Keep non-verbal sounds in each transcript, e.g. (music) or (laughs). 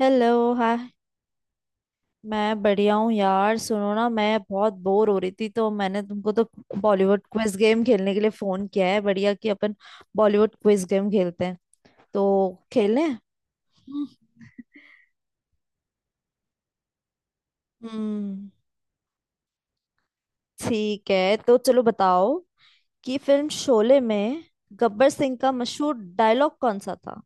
Hello. Hi. मैं बढ़िया हूँ यार, सुनो ना मैं बहुत बोर हो रही थी तो मैंने तुमको तो बॉलीवुड क्विज गेम खेलने के लिए फोन किया है। बढ़िया कि अपन बॉलीवुड क्विज गेम खेलते हैं तो खेलें। हम्म। हम्म, ठीक है तो चलो बताओ कि फिल्म शोले में गब्बर सिंह का मशहूर डायलॉग कौन सा था।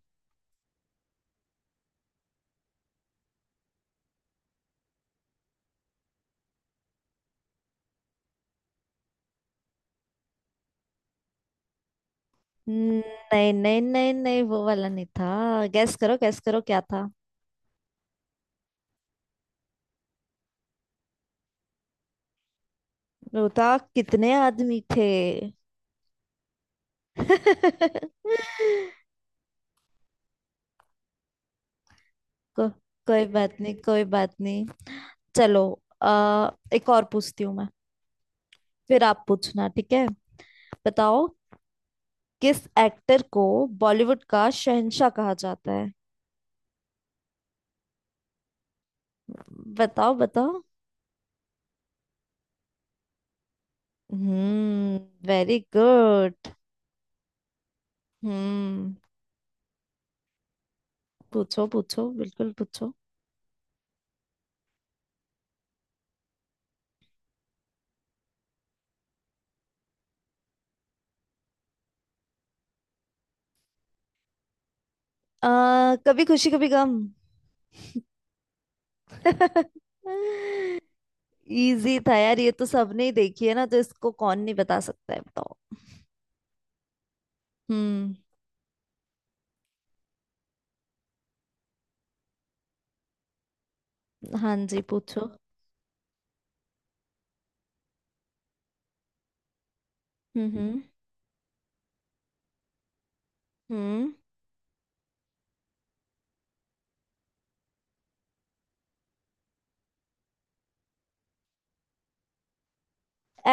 नहीं नहीं नहीं नहीं, वो वाला नहीं था। गैस करो गैस करो, क्या था। वो था कितने आदमी थे। (laughs) को, कोई बात नहीं, कोई बात नहीं। चलो एक और पूछती हूँ मैं, फिर आप पूछना, ठीक है। बताओ किस एक्टर को बॉलीवुड का शहंशाह कहा जाता है। बताओ बताओ। हम्म। Very good. हम्म। पूछो पूछो, बिल्कुल पूछो। कभी खुशी कभी गम। (laughs) इजी था यार, ये तो सबने ही देखी है ना तो इसको कौन नहीं बता सकता है। बताओ। हम्म। हाँ जी, पूछो। हम्म। हम्म। हम्म।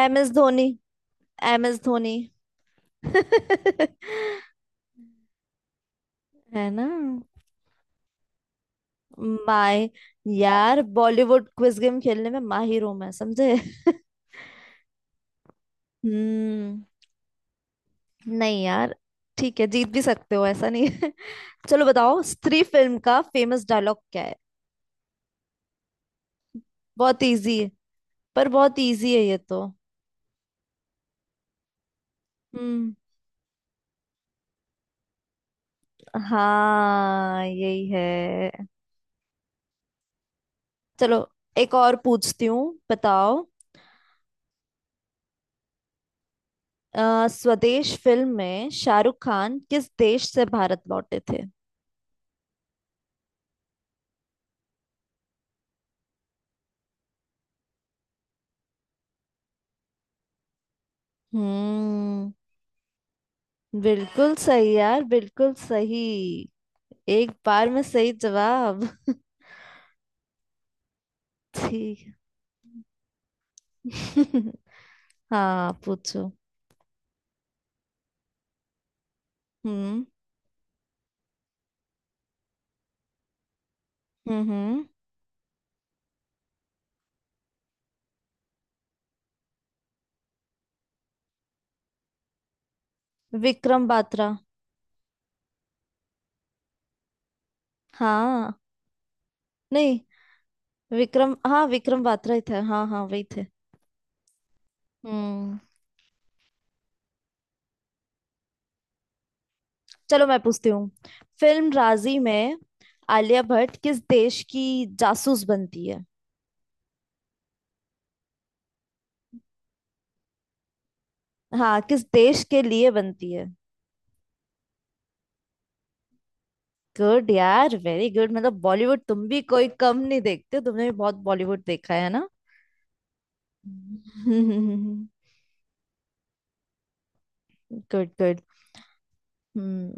M S Dhoni. M S Dhoni. (laughs) है ना। माय यार, बॉलीवुड क्विज गेम खेलने में माहिर हूं मैं, समझे। (laughs) हम्म। नहीं यार, ठीक है, जीत भी सकते हो, ऐसा नहीं है। (laughs) चलो बताओ, स्त्री फिल्म का फेमस डायलॉग क्या है। बहुत इजी है, पर बहुत इजी है ये तो। हम्म। हाँ, यही है। चलो एक और पूछती हूँ। बताओ स्वदेश फिल्म में शाहरुख खान किस देश से भारत लौटे थे। हम्म। बिल्कुल सही यार, बिल्कुल सही। एक बार में सही जवाब। (laughs) ठीक है। (laughs) हाँ पूछो। हम्म। हम्म। हम्म। विक्रम बात्रा। हाँ। नहीं, विक्रम, हाँ विक्रम बात्रा ही थे, हाँ हाँ वही थे। हम्म। चलो मैं पूछती हूँ, फिल्म राजी में आलिया भट्ट किस देश की जासूस बनती है। हाँ, किस देश के लिए बनती है। गुड यार, वेरी गुड। मतलब बॉलीवुड तुम भी कोई कम नहीं देखते, तुमने भी बहुत बॉलीवुड देखा है ना। Good good. हम्म।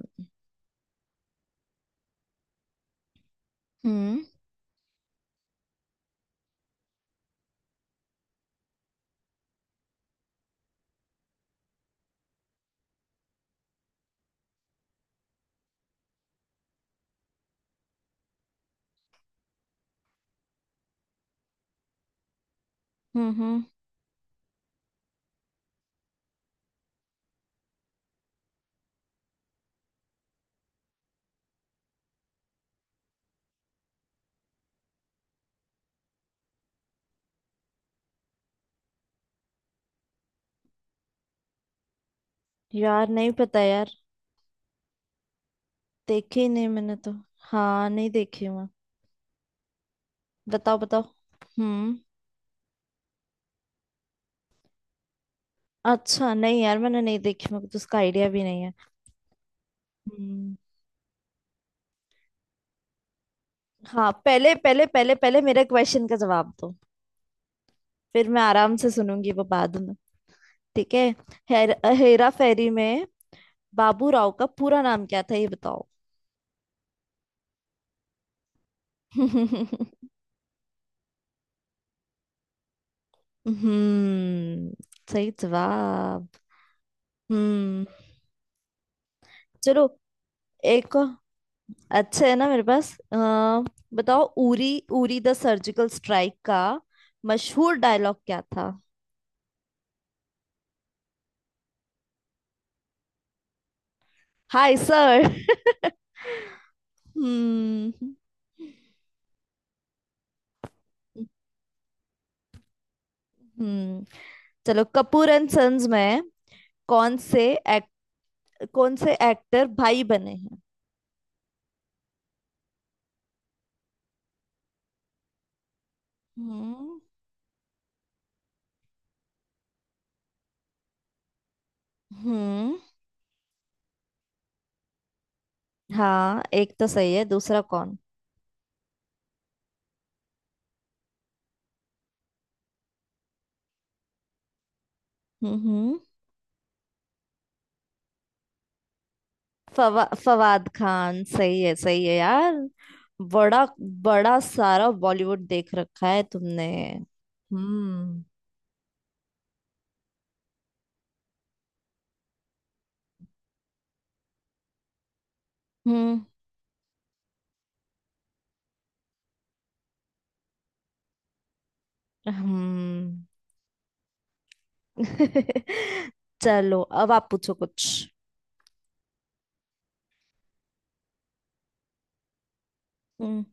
हम्म। हम्म। हम्म। यार नहीं पता यार। देखी नहीं मैंने तो। हाँ, नहीं देखी मैं। बताओ बताओ। हम्म। अच्छा, नहीं यार मैंने नहीं देखी, मेरे को तो उसका आइडिया भी नहीं है। हम्म। हाँ, पहले पहले पहले पहले मेरे क्वेश्चन का जवाब दो, फिर मैं आराम से सुनूंगी वो बाद में। ठीक है। हेर, हेरा फेरी में बाबू राव का पूरा नाम क्या था ये बताओ। (laughs) हम्म। सही जवाब। हम्म। चलो, एक और- अच्छा है ना मेरे पास। बताओ Uri, Uri the surgical strike का मशहूर डायलॉग क्या था। Hi sir. (laughs) हम्म। हम्म। चलो, कपूर एंड सन्स में कौन से एक्ट कौन से एक्टर भाई बने हैं। हम्म। हम्म। हाँ, एक तो सही है, दूसरा कौन। हम्म। हम्म। फवाद खान, सही है, सही है यार। बड़ा बड़ा सारा बॉलीवुड देख रखा है तुमने। हम्म। हम्म। हम्म। (laughs) चलो अब आप पूछो कुछ। हम्म।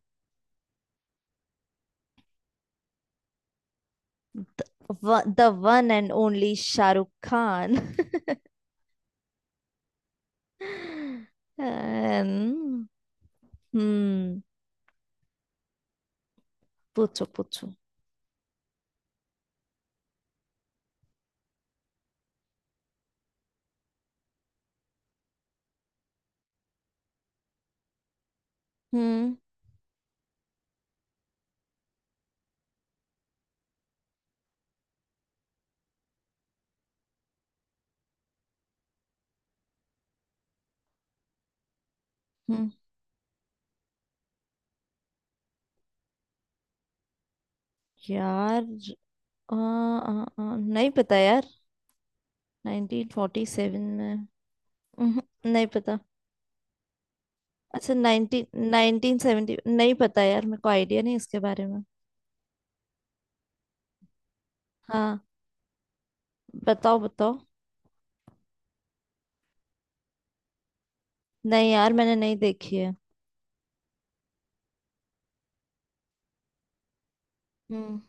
The one and only Shahrukh Khan. (laughs) And- हम्म। पूछो पूछो। हम्म। हम्म। यार आ, आ, आ, नहीं पता यार। 1947 में। उहुं, नहीं पता। अच्छा 19 1970, नहीं पता यार, मेरे को आइडिया नहीं इसके बारे में। हाँ, बताओ बताओ। नहीं यार, मैंने नहीं देखी है। हम्म।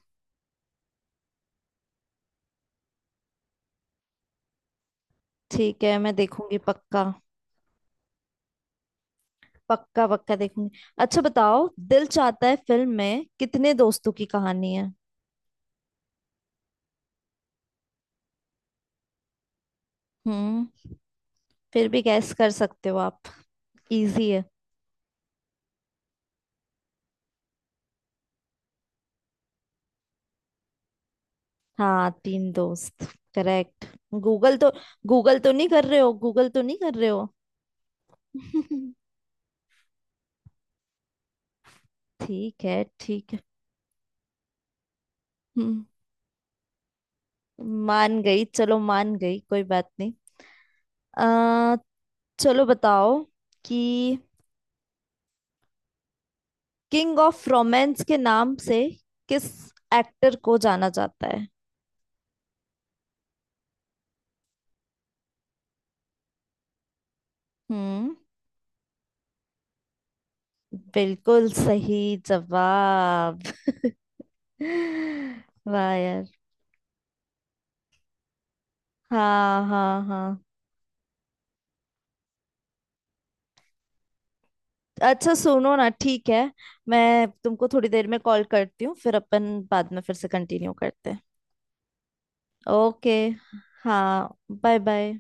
ठीक है, मैं देखूंगी पक्का। पक्का पक्का देखूंगी। अच्छा बताओ, दिल चाहता है फिल्म में कितने दोस्तों की कहानी है। हम्म। फिर भी गैस कर सकते हो आप, इजी है। हाँ, तीन दोस्त, करेक्ट। गूगल तो गूगल तो नहीं कर रहे हो, गूगल तो नहीं कर रहे हो। (laughs) ठीक है, ठीक है। हम्म। मान गई, चलो मान गई, कोई बात नहीं। आ, चलो बताओ कि किंग ऑफ रोमांस के नाम से किस एक्टर को जाना जाता है। हम्म। बिल्कुल सही जवाब। (laughs) वाह यार। हाँ हाँ हाँ। अच्छा सुनो ना, ठीक है, मैं तुमको थोड़ी देर में कॉल करती हूँ, फिर अपन बाद में फिर से कंटिन्यू करते हैं। ओके। हाँ। बाय। बाय